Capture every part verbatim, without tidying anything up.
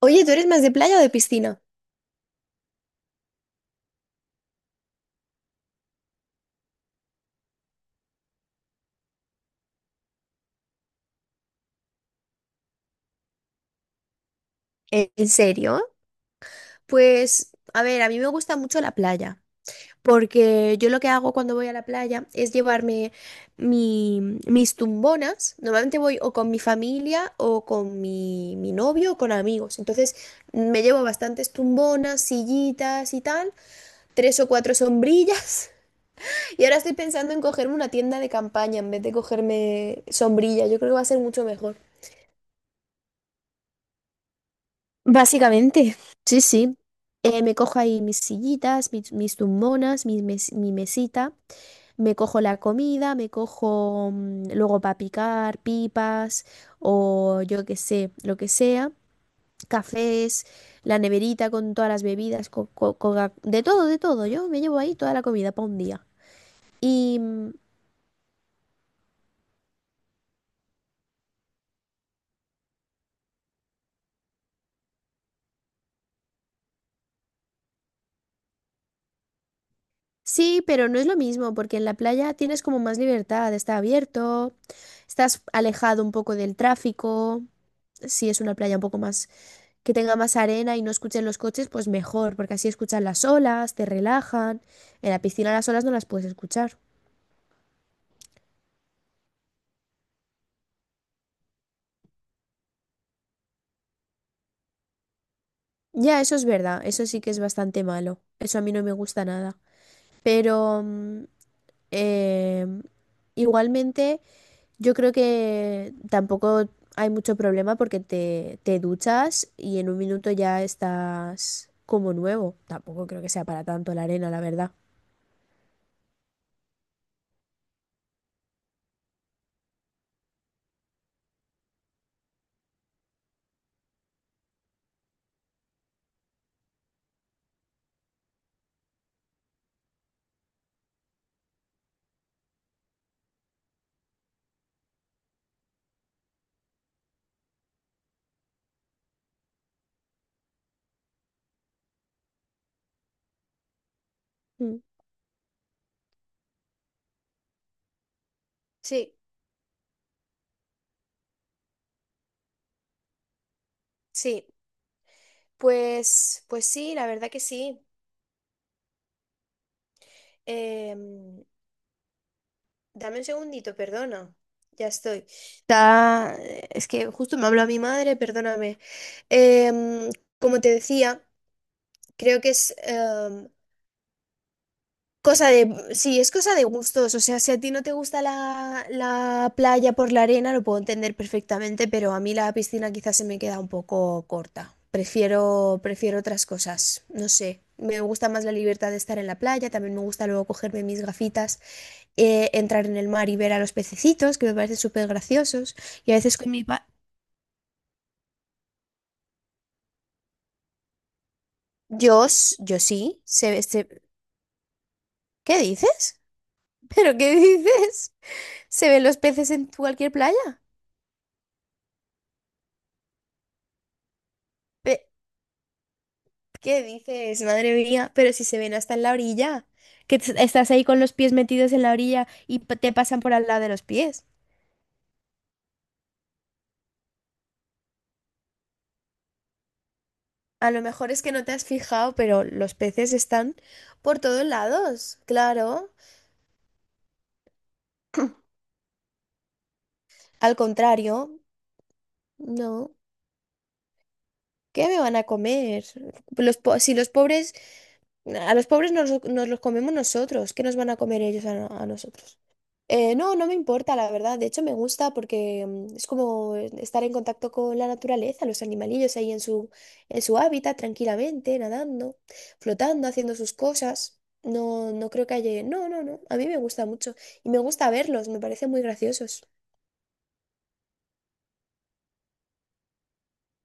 Oye, ¿tú eres más de playa o de piscina? ¿En serio? Pues, a ver, a mí me gusta mucho la playa, porque yo lo que hago cuando voy a la playa es llevarme mi- mis tumbonas. Normalmente voy o con mi familia o con mi, mi novio o con amigos. Entonces, me llevo bastantes tumbonas, sillitas y tal, tres o cuatro sombrillas. Y ahora estoy pensando en cogerme una tienda de campaña en vez de cogerme sombrilla. Yo creo que va a ser mucho mejor. Básicamente, sí, sí. Eh, me cojo ahí mis sillitas, mis, mis tumbonas, mi, mes- mi mesita, me cojo la comida, me cojo mm, luego para picar, pipas o yo qué sé, lo que sea, cafés, la neverita con todas las bebidas, co- co- coca- de todo, de todo. Yo me llevo ahí toda la comida para un día. Y mm, sí, pero no es lo mismo porque en la playa tienes como más libertad, está abierto, estás alejado un poco del tráfico si es una playa un poco más que tenga más arena y no escuchen los coches, pues mejor, porque así escuchan las olas, te relajan. En la piscina las olas no las puedes escuchar. Ya, eso es verdad, eso sí que es bastante malo. Eso a mí no me gusta nada. Pero mm, eh, igualmente yo creo que tampoco hay mucho problema porque te, te duchas y en un minuto ya estás como nuevo. Tampoco creo que sea para tanto la arena, la verdad. Mm. Sí, sí. Pues, pues sí, la verdad que sí. Em, dame un segundito, perdona. Ya estoy. Está- Es que justo me habló mi madre, perdóname. Em, como te decía, creo que es em, cosa de... Sí, es cosa de gustos. O sea, si a ti no te gusta la, la playa por la arena, lo puedo entender perfectamente, pero a mí la piscina quizás se me queda un poco corta. Prefiero, prefiero otras cosas. No sé. Me gusta más la libertad de estar en la playa. También me gusta luego cogerme mis gafitas. eh, entrar en el mar y ver a los pececitos, que me parecen súper graciosos. Y a veces con mi pa... Yo, s- yo sí, se ve, se- ¿Qué dices? ¿Pero qué dices? ¿Se ven los peces en cualquier playa? Pe- ¿Qué dices? Madre mía, pero si se ven hasta en la orilla, que t- estás ahí con los pies metidos en la orilla y p- te pasan por al lado de los pies. A lo mejor es que no te has fijado, pero los peces están por todos lados, claro. Al contrario, no. ¿Qué me van a comer? Los po- si los pobres, a los pobres nos, nos los comemos nosotros, ¿qué nos van a comer ellos a, no- a nosotros? Eh, no, no me importa, la verdad. De hecho, me gusta porque mm, es como estar en contacto con la naturaleza, los animalillos ahí en su, en su hábitat, tranquilamente, nadando, flotando, haciendo sus cosas. No, no creo que haya... No, no, no. A mí me gusta mucho. Y me gusta verlos, me parecen muy graciosos.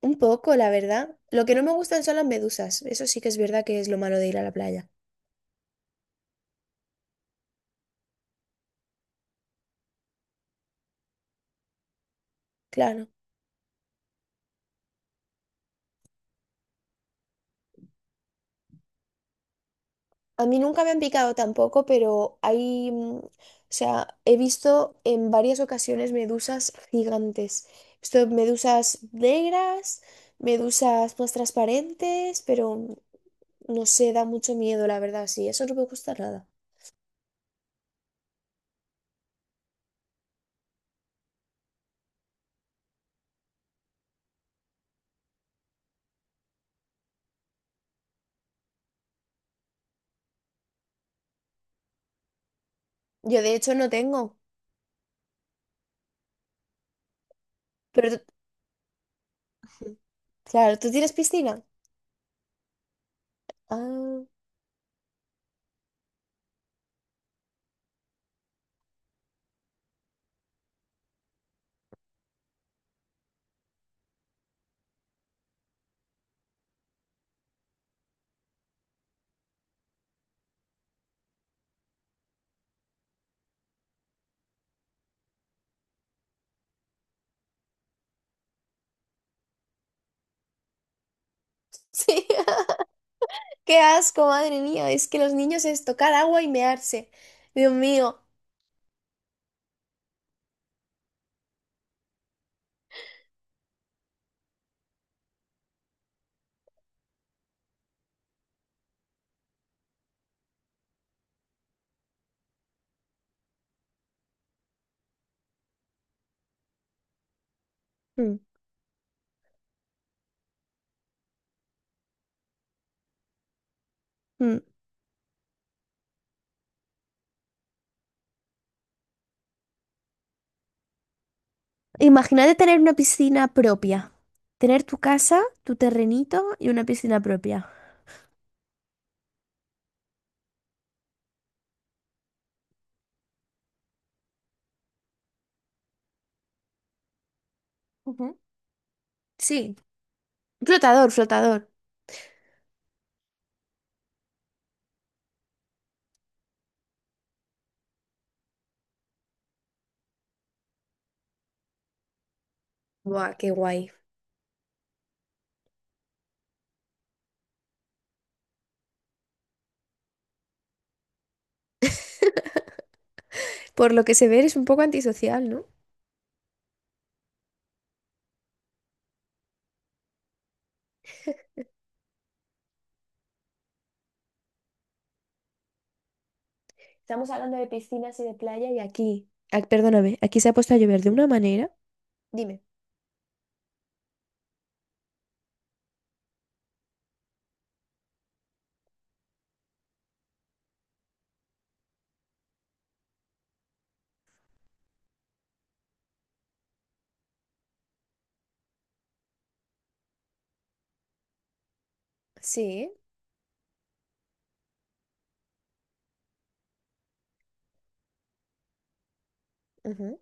Un poco, la verdad. Lo que no me gustan son las medusas. Eso sí que es verdad que es lo malo de ir a la playa. Claro. A mí nunca me han picado tampoco, pero hay, mm, o sea, he visto en varias ocasiones medusas gigantes. He visto medusas negras, medusas más transparentes, pero mm, no sé, da mucho miedo, la verdad, sí, eso no me gusta nada. Yo de hecho no tengo, pero tú- claro, ¿tú tienes piscina? Ah, sí. Qué asco, madre mía, es que los niños es tocar agua y mearse. Dios mío. Mm, mm. Imagínate tener una piscina propia. Tener tu casa, tu terrenito y una piscina propia. Ujú. Sí. Flotador, flotador. Buah, qué guay. Por lo que se ve, eres un poco antisocial, ¿no? Estamos hablando de piscinas y de playa y aquí. Ah, perdóname, aquí se ha puesto a llover de una manera. Dime. Sí. Ujú.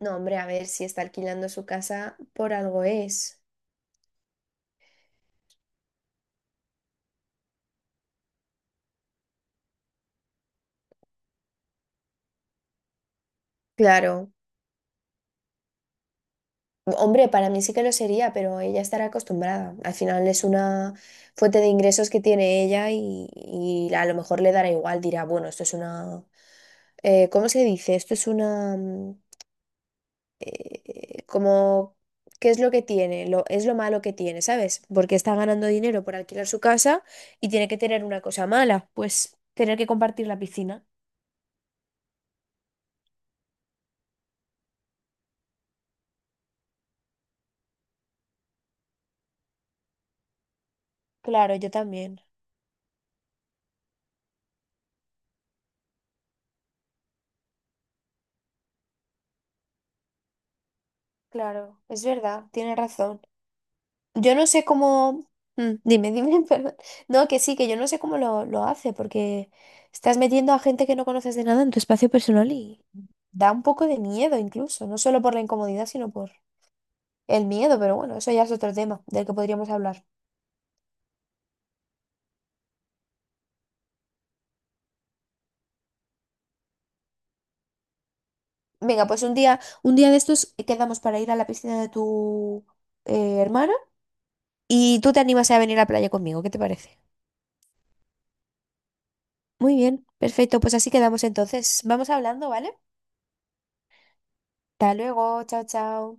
No, hombre, a ver si está alquilando su casa por algo es. Claro. Hombre, para mí sí que lo sería, pero ella estará acostumbrada. Al final es una fuente de ingresos que tiene ella y, y a lo mejor le dará igual, dirá, bueno, esto es una... eh, ¿cómo se dice? Esto es una... mm, eh, como... ¿Qué es lo que tiene? Lo, es lo malo que tiene, ¿sabes? Porque está ganando dinero por alquilar su casa y tiene que tener una cosa mala, pues tener que compartir la piscina. Claro, yo también. Claro, es verdad, tiene razón. Yo no sé cómo... Mm, dime, dime, perdón. No, que sí, que yo no sé cómo lo, lo hace, porque estás metiendo a gente que no conoces de nada en tu espacio personal y da un poco de miedo incluso, no solo por la incomodidad, sino por el miedo, pero bueno, eso ya es otro tema del que podríamos hablar. Venga, pues un día, un día de estos quedamos para ir a la piscina de tu eh, hermana y tú te animas a venir a la playa conmigo, ¿qué te parece? Muy bien, perfecto, pues así quedamos entonces. Vamos hablando, ¿vale? Hasta luego, chao, chao.